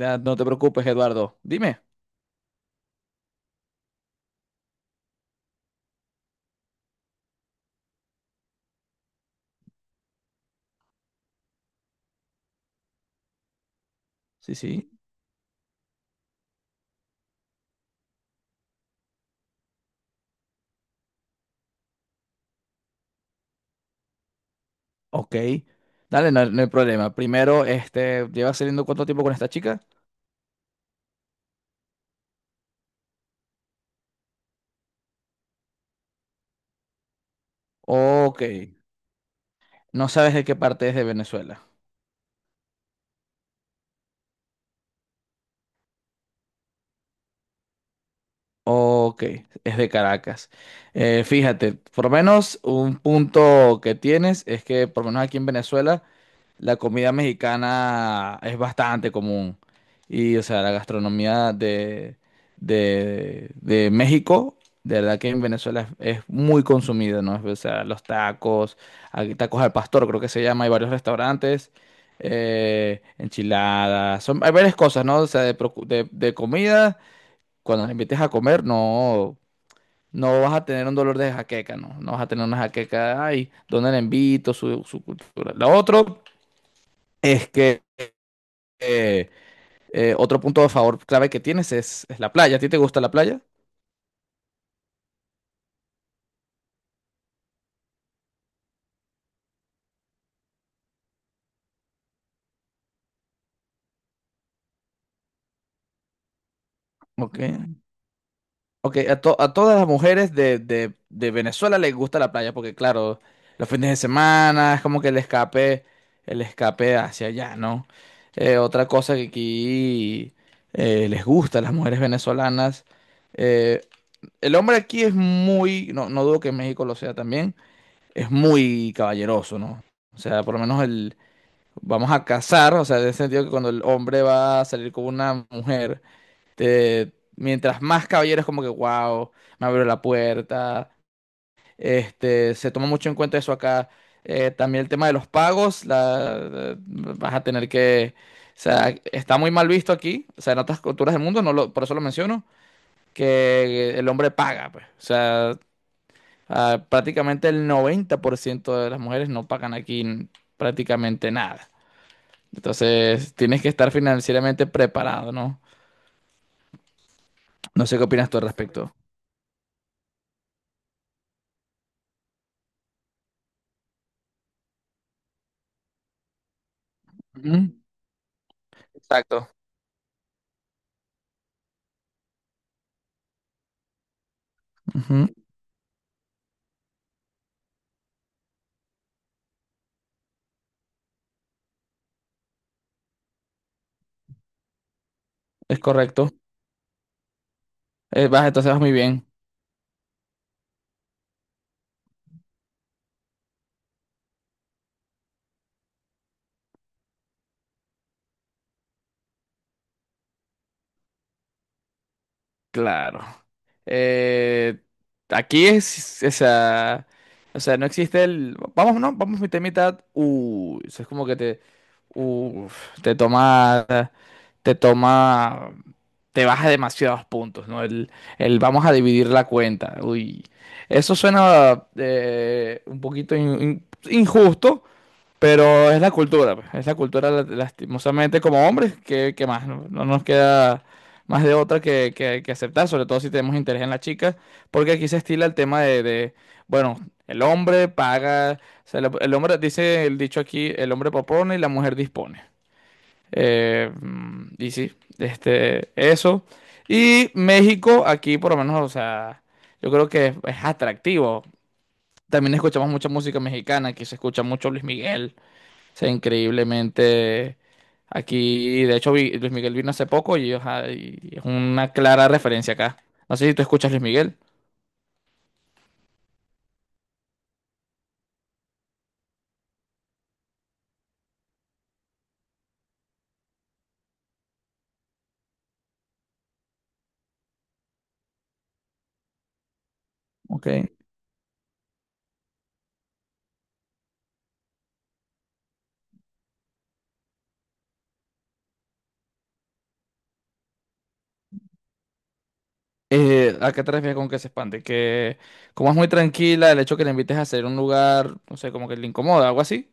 No te preocupes, Eduardo. Dime. Sí, sí. Ok. Dale, no, no hay problema. Primero, ¿llevas saliendo cuánto tiempo con esta chica? Ok. No sabes de qué parte es de Venezuela. Ok. Es de Caracas. Fíjate, por lo menos un punto que tienes es que por lo menos aquí en Venezuela la comida mexicana es bastante común. Y, o sea, la gastronomía de México, de verdad que en Venezuela es muy consumida, ¿no? O sea, los tacos, hay tacos al pastor, creo que se llama, hay varios restaurantes, enchiladas, son, hay varias cosas, ¿no? O sea, de comida, cuando nos invites a comer, no, no vas a tener un dolor de jaqueca, ¿no? No vas a tener una jaqueca, ay, ¿dónde la invito? Su cultura. Lo otro es que eh, otro punto a favor clave que tienes es la playa. ¿A ti te gusta la playa? Ok. Ok, a todas las mujeres de Venezuela les gusta la playa porque, claro, los fines de semana es como que el escape hacia allá, ¿no? Otra cosa que aquí les gusta a las mujeres venezolanas. eh, el hombre aquí es muy, no, no dudo que en México lo sea también, es muy caballeroso, ¿no? O sea, por lo menos vamos a casar, o sea, en el sentido que cuando el hombre va a salir con una mujer, mientras más caballeros como que, wow, me abrió la puerta, se toma mucho en cuenta eso acá. También el tema de los pagos, la, vas a tener que, o sea, está muy mal visto aquí, o sea, en otras culturas del mundo, no lo- por eso lo menciono, que el hombre paga, pues, o sea, ah, prácticamente el 90% de las mujeres no pagan aquí prácticamente nada. Entonces, tienes que estar financieramente preparado, ¿no? No sé qué opinas tú al respecto. Ujú. Exacto. Ujú. Es correcto. Entonces vas muy bien. Claro. Eh, Aquí es, o sea, no existe el... Vamos, no, vamos mitad y mitad. Uy, eso es como que te... Uf, te tomas. Te toma, te baja demasiados puntos, ¿no? El vamos a dividir la cuenta. Uy, eso suena un poquito injusto, pero es la cultura, pues, es la cultura lastimosamente como hombres, qué más? No, no nos queda más de otra que, que aceptar, sobre todo si tenemos interés en la chica, porque aquí se estila el tema bueno, el hombre paga, o sea, el hombre, dice el dicho aquí, el hombre propone y la mujer dispone. Y sí, eso. Y México, aquí por lo menos, o sea, yo creo que es atractivo. También escuchamos mucha música mexicana, aquí se escucha mucho Luis Miguel. O sea, increíblemente aquí, de hecho, Luis Miguel vino hace poco y, ajá, y es una clara referencia acá. No sé si tú escuchas Luis Miguel. Ok. ¿A qué te refieres con que se espante? Que como es muy tranquila, el hecho que le invites a hacer un lugar, no sé, como que le incomoda, algo así.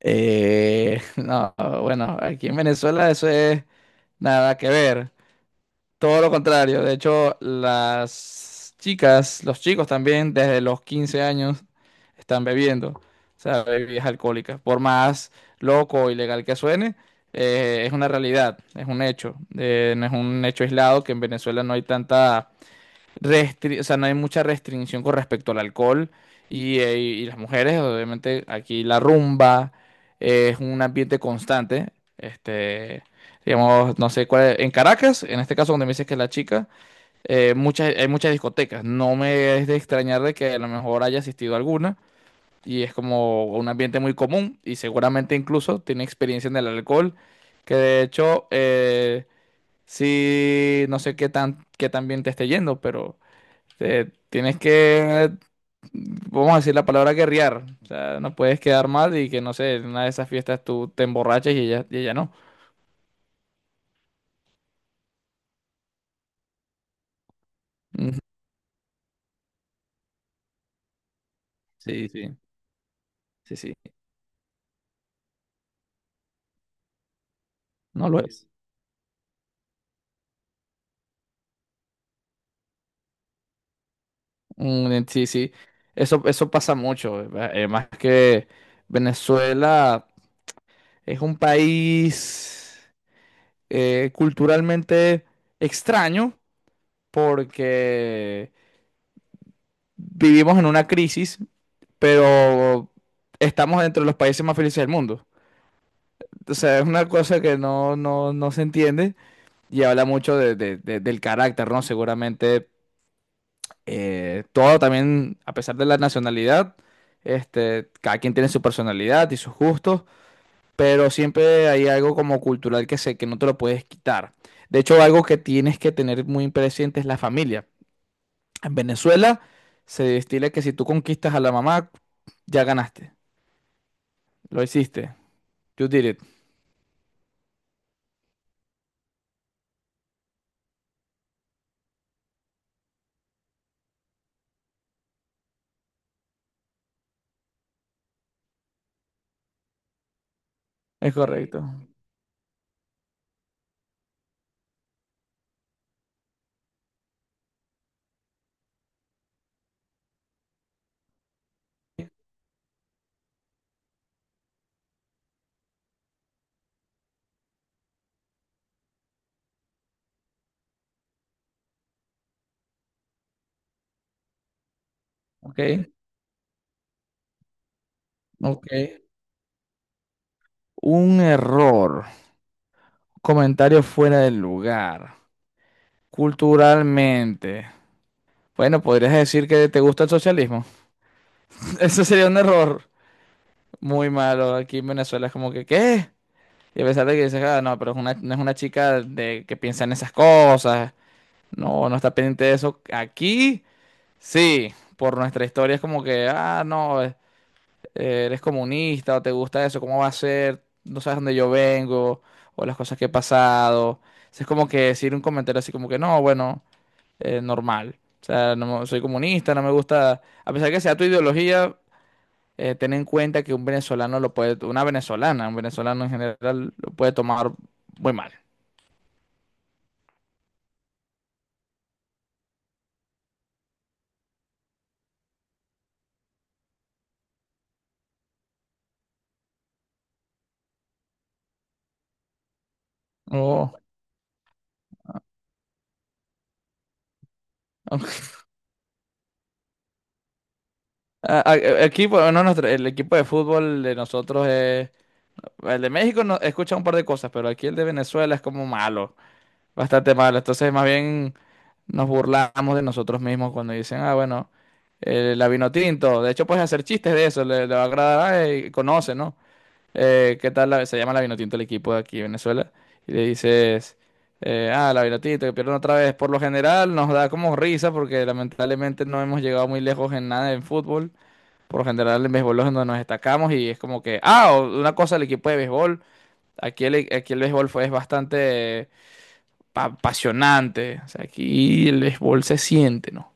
No, bueno, aquí en Venezuela eso es nada que ver. Todo lo contrario. De hecho, las chicas, los chicos también, desde los 15 años, están bebiendo. O sea, bebidas alcohólicas. Por más loco o ilegal que suene, es una realidad, es un hecho. No es un hecho aislado que en Venezuela no hay tanta o sea, no hay mucha restricción con respecto al alcohol y las mujeres, obviamente aquí la rumba es un ambiente constante, este, digamos, no sé en Caracas, en este caso donde me dices que es la chica, hay muchas discotecas, no me es de extrañar de que a lo mejor haya asistido a alguna y es como un ambiente muy común y seguramente incluso tiene experiencia en el alcohol, que de hecho, sí, no sé qué tan bien te esté yendo, pero... Tienes que, vamos a decir la palabra guerrear. O sea, no puedes quedar mal y que, no sé, en una de esas fiestas tú te emborrachas y ella no. Ujú. Sí, sí, sí, sí. No lo es. Mm, sí, sí. Eso pasa mucho. Además que Venezuela es un país culturalmente extraño porque vivimos en una crisis, pero estamos entre los países más felices del mundo. O sea, es una cosa que no, no, no se entiende y habla mucho del carácter, ¿no? Seguramente todo también, a pesar de la nacionalidad, cada quien tiene su personalidad y sus gustos, pero siempre hay algo como cultural que no te lo puedes quitar. De hecho, algo que tienes que tener muy presente es la familia. En Venezuela se destila que si tú conquistas a la mamá, ya ganaste, lo hiciste, you did it, es correcto. Ok, ok, un error. Comentario fuera del lugar. Culturalmente. Bueno, podrías decir que te gusta el socialismo. Eso sería un error muy malo. Aquí en Venezuela es como que, ¿qué? Y a pesar de que dices, ah, no, pero es no es una chica de, que piensa en esas cosas. No, no está pendiente de eso. Aquí, sí. Por nuestra historia es como que, ah, no. Eres comunista o te gusta eso, cómo va a ser, no sabes dónde yo vengo o las cosas que he pasado. Entonces, es como que decir un comentario así como que no, bueno, normal. O sea, soy comunista, no me gusta, a pesar que sea tu ideología, ten en cuenta que un venezolano lo puede, una venezolana, un venezolano en general lo puede tomar muy mal. Oh. Aquí, bueno, no, el equipo de fútbol de nosotros es... El de México no, escucha un par de cosas, pero aquí el de Venezuela es como malo. Bastante malo. Entonces, más bien nos burlamos de nosotros mismos cuando dicen, ah, bueno, la vino tinto. De hecho, puedes hacer chistes de eso, le va a agradar, y conoce, ¿no? ¿Qué tal se llama la vino tinto el equipo de aquí, Venezuela? Y le dices, ah, la vino tinto, que pierden otra vez. Por lo general nos da como risa porque lamentablemente no hemos llegado muy lejos en nada en fútbol. Por lo general en béisbol es donde nos destacamos y es como que, ah, una cosa el equipo de béisbol. Aquí el béisbol es bastante apasionante. O sea, aquí el béisbol se siente, ¿no?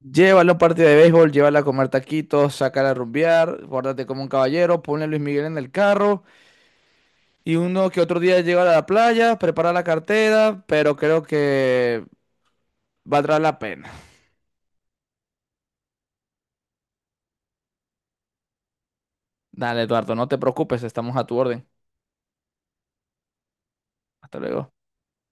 Llévalo a un partido de béisbol, llévala a comer taquitos, sácala a rumbear, guárdate como un caballero, ponle a Luis Miguel en el carro y uno que otro día llega a la playa, prepara la cartera, pero creo que valdrá la pena. Dale, Eduardo, no te preocupes, estamos a tu orden. Hasta luego.